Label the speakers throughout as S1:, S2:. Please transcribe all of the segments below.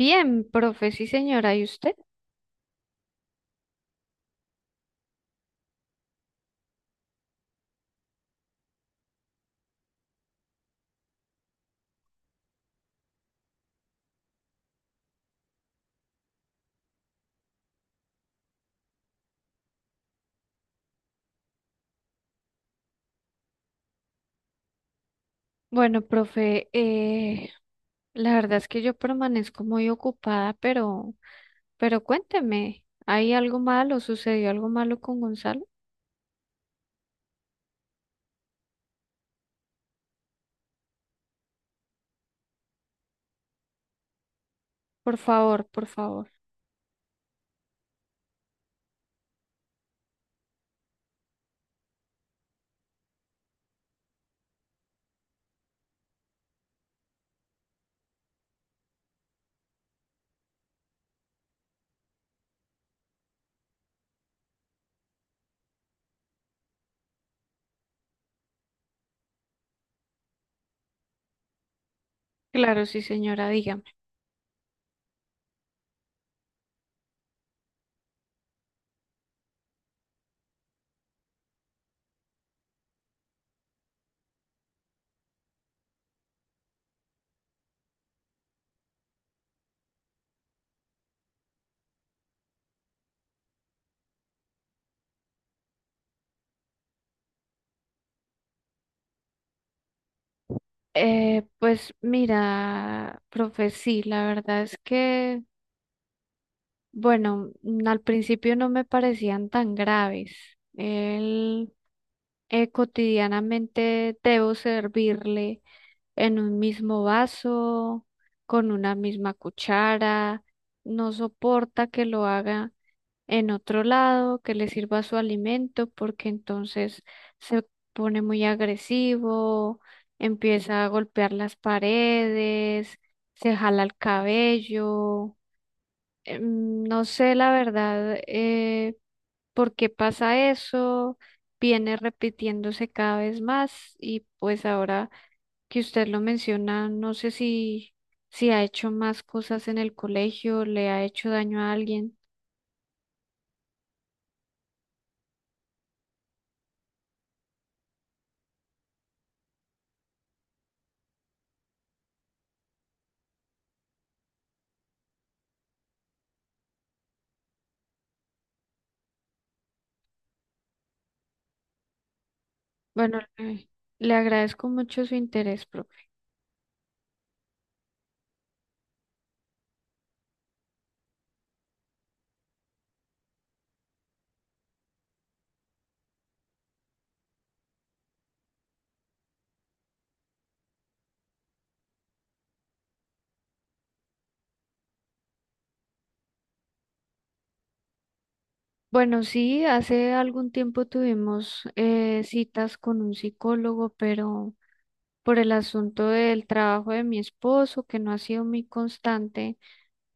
S1: Bien, profe, sí señora, ¿y usted? Bueno, profe, la verdad es que yo permanezco muy ocupada, pero cuénteme, ¿hay algo malo? ¿Sucedió algo malo con Gonzalo? Por favor, por favor. Claro, sí señora, dígame. Pues mira, profe, sí, la verdad es que, bueno, al principio no me parecían tan graves. Él cotidianamente debo servirle en un mismo vaso, con una misma cuchara, no soporta que lo haga en otro lado, que le sirva su alimento, porque entonces se pone muy agresivo, empieza a golpear las paredes, se jala el cabello. No sé la verdad por qué pasa eso, viene repitiéndose cada vez más y pues ahora que usted lo menciona, no sé si ha hecho más cosas en el colegio, le ha hecho daño a alguien. Bueno, le agradezco mucho su interés, profe. Bueno, sí, hace algún tiempo tuvimos citas con un psicólogo, pero por el asunto del trabajo de mi esposo, que no ha sido muy constante,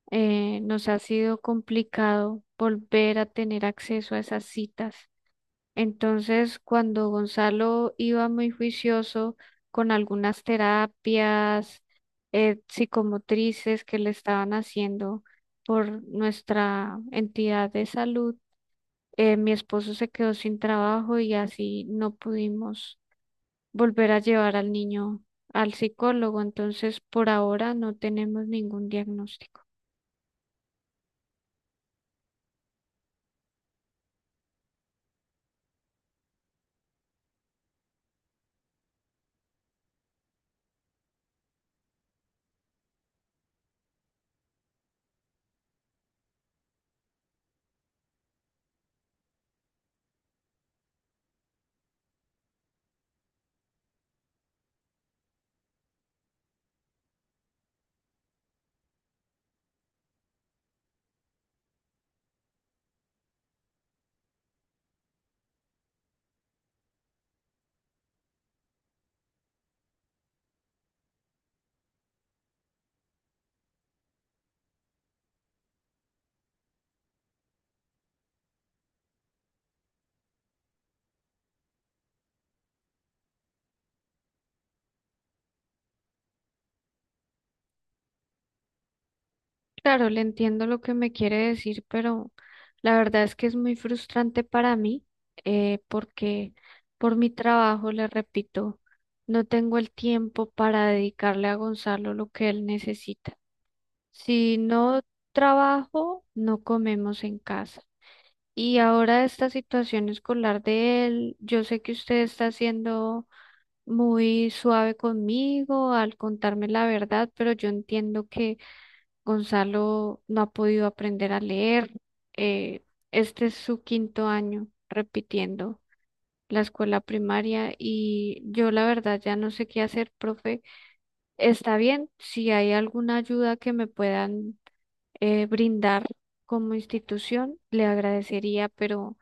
S1: nos ha sido complicado volver a tener acceso a esas citas. Entonces, cuando Gonzalo iba muy juicioso con algunas terapias psicomotrices que le estaban haciendo por nuestra entidad de salud, mi esposo se quedó sin trabajo y así no pudimos volver a llevar al niño al psicólogo. Entonces, por ahora no tenemos ningún diagnóstico. Claro, le entiendo lo que me quiere decir, pero la verdad es que es muy frustrante para mí, porque por mi trabajo, le repito, no tengo el tiempo para dedicarle a Gonzalo lo que él necesita. Si no trabajo, no comemos en casa. Y ahora esta situación escolar de él, yo sé que usted está siendo muy suave conmigo al contarme la verdad, pero yo entiendo que Gonzalo no ha podido aprender a leer. Eh, este es su quinto año repitiendo la escuela primaria y yo la verdad ya no sé qué hacer, profe. Está bien, si hay alguna ayuda que me puedan brindar como institución, le agradecería, pero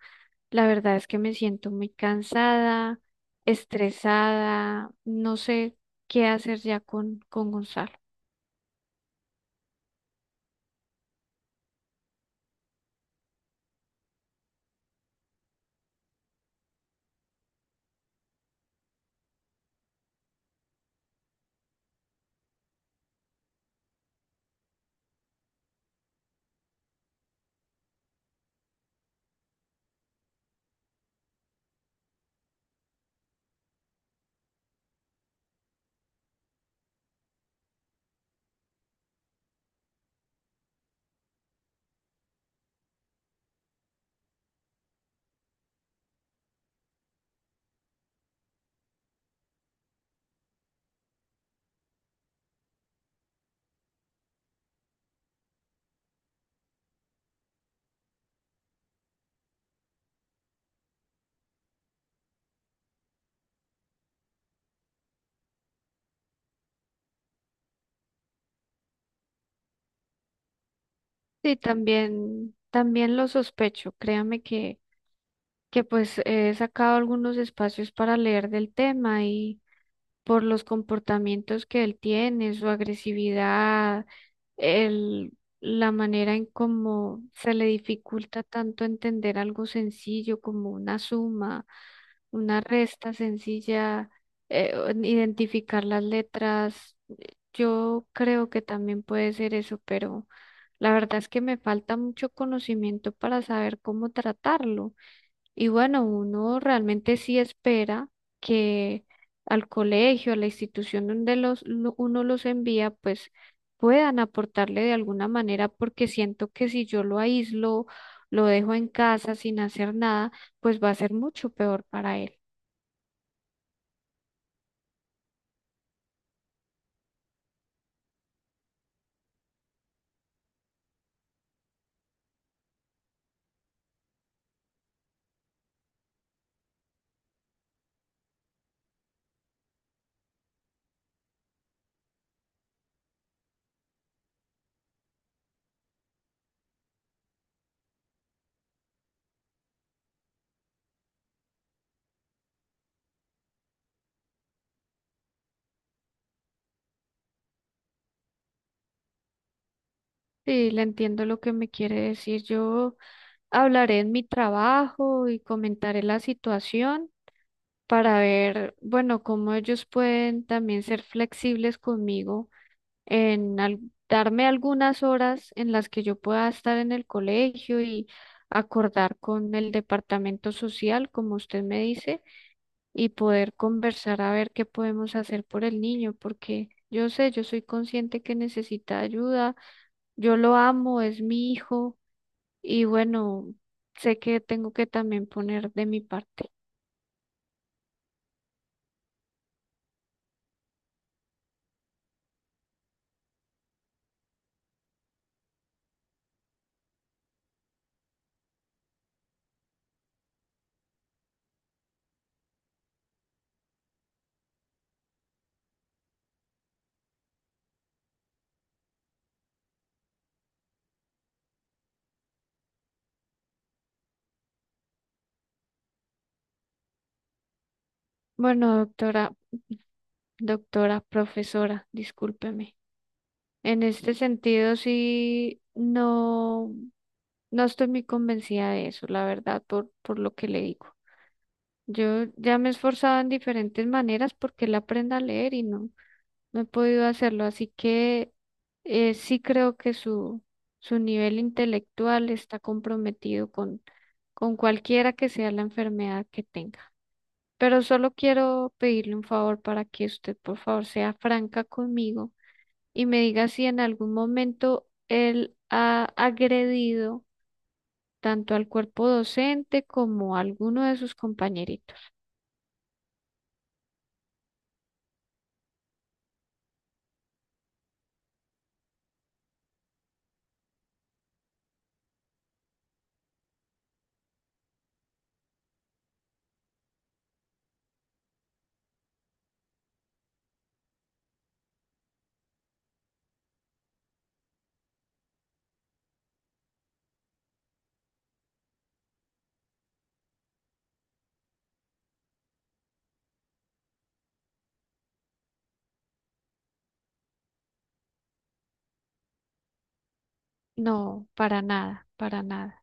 S1: la verdad es que me siento muy cansada, estresada, no sé qué hacer ya con Gonzalo. Sí, también, también lo sospecho. Créame que pues he sacado algunos espacios para leer del tema y por los comportamientos que él tiene, su agresividad, el, la manera en cómo se le dificulta tanto entender algo sencillo como una suma, una resta sencilla, identificar las letras, yo creo que también puede ser eso, pero la verdad es que me falta mucho conocimiento para saber cómo tratarlo. Y bueno, uno realmente sí espera que al colegio, a la institución donde uno los envía, pues puedan aportarle de alguna manera, porque siento que si yo lo aíslo, lo dejo en casa sin hacer nada, pues va a ser mucho peor para él. Sí, le entiendo lo que me quiere decir yo. Hablaré en mi trabajo y comentaré la situación para ver, bueno, cómo ellos pueden también ser flexibles conmigo en al- darme algunas horas en las que yo pueda estar en el colegio y acordar con el departamento social, como usted me dice, y poder conversar a ver qué podemos hacer por el niño, porque yo sé, yo soy consciente que necesita ayuda, yo lo amo, es mi hijo y bueno, sé que tengo que también poner de mi parte. Bueno, doctora, doctora, profesora, discúlpeme. En este sentido, sí, no, no estoy muy convencida de eso, la verdad, por lo que le digo. Yo ya me he esforzado en diferentes maneras porque él aprenda a leer y no, no he podido hacerlo. Así que sí creo que su nivel intelectual está comprometido con cualquiera que sea la enfermedad que tenga. Pero solo quiero pedirle un favor para que usted, por favor, sea franca conmigo y me diga si en algún momento él ha agredido tanto al cuerpo docente como a alguno de sus compañeritos. No, para nada, para nada.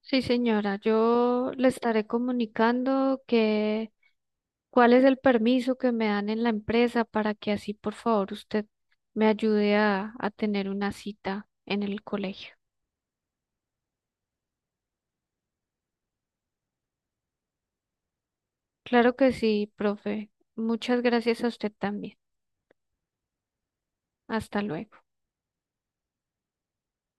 S1: Sí, señora, yo le estaré comunicando que cuál es el permiso que me dan en la empresa para que así, por favor, usted me ayude a tener una cita en el colegio. Claro que sí, profe. Muchas gracias a usted también. Hasta luego.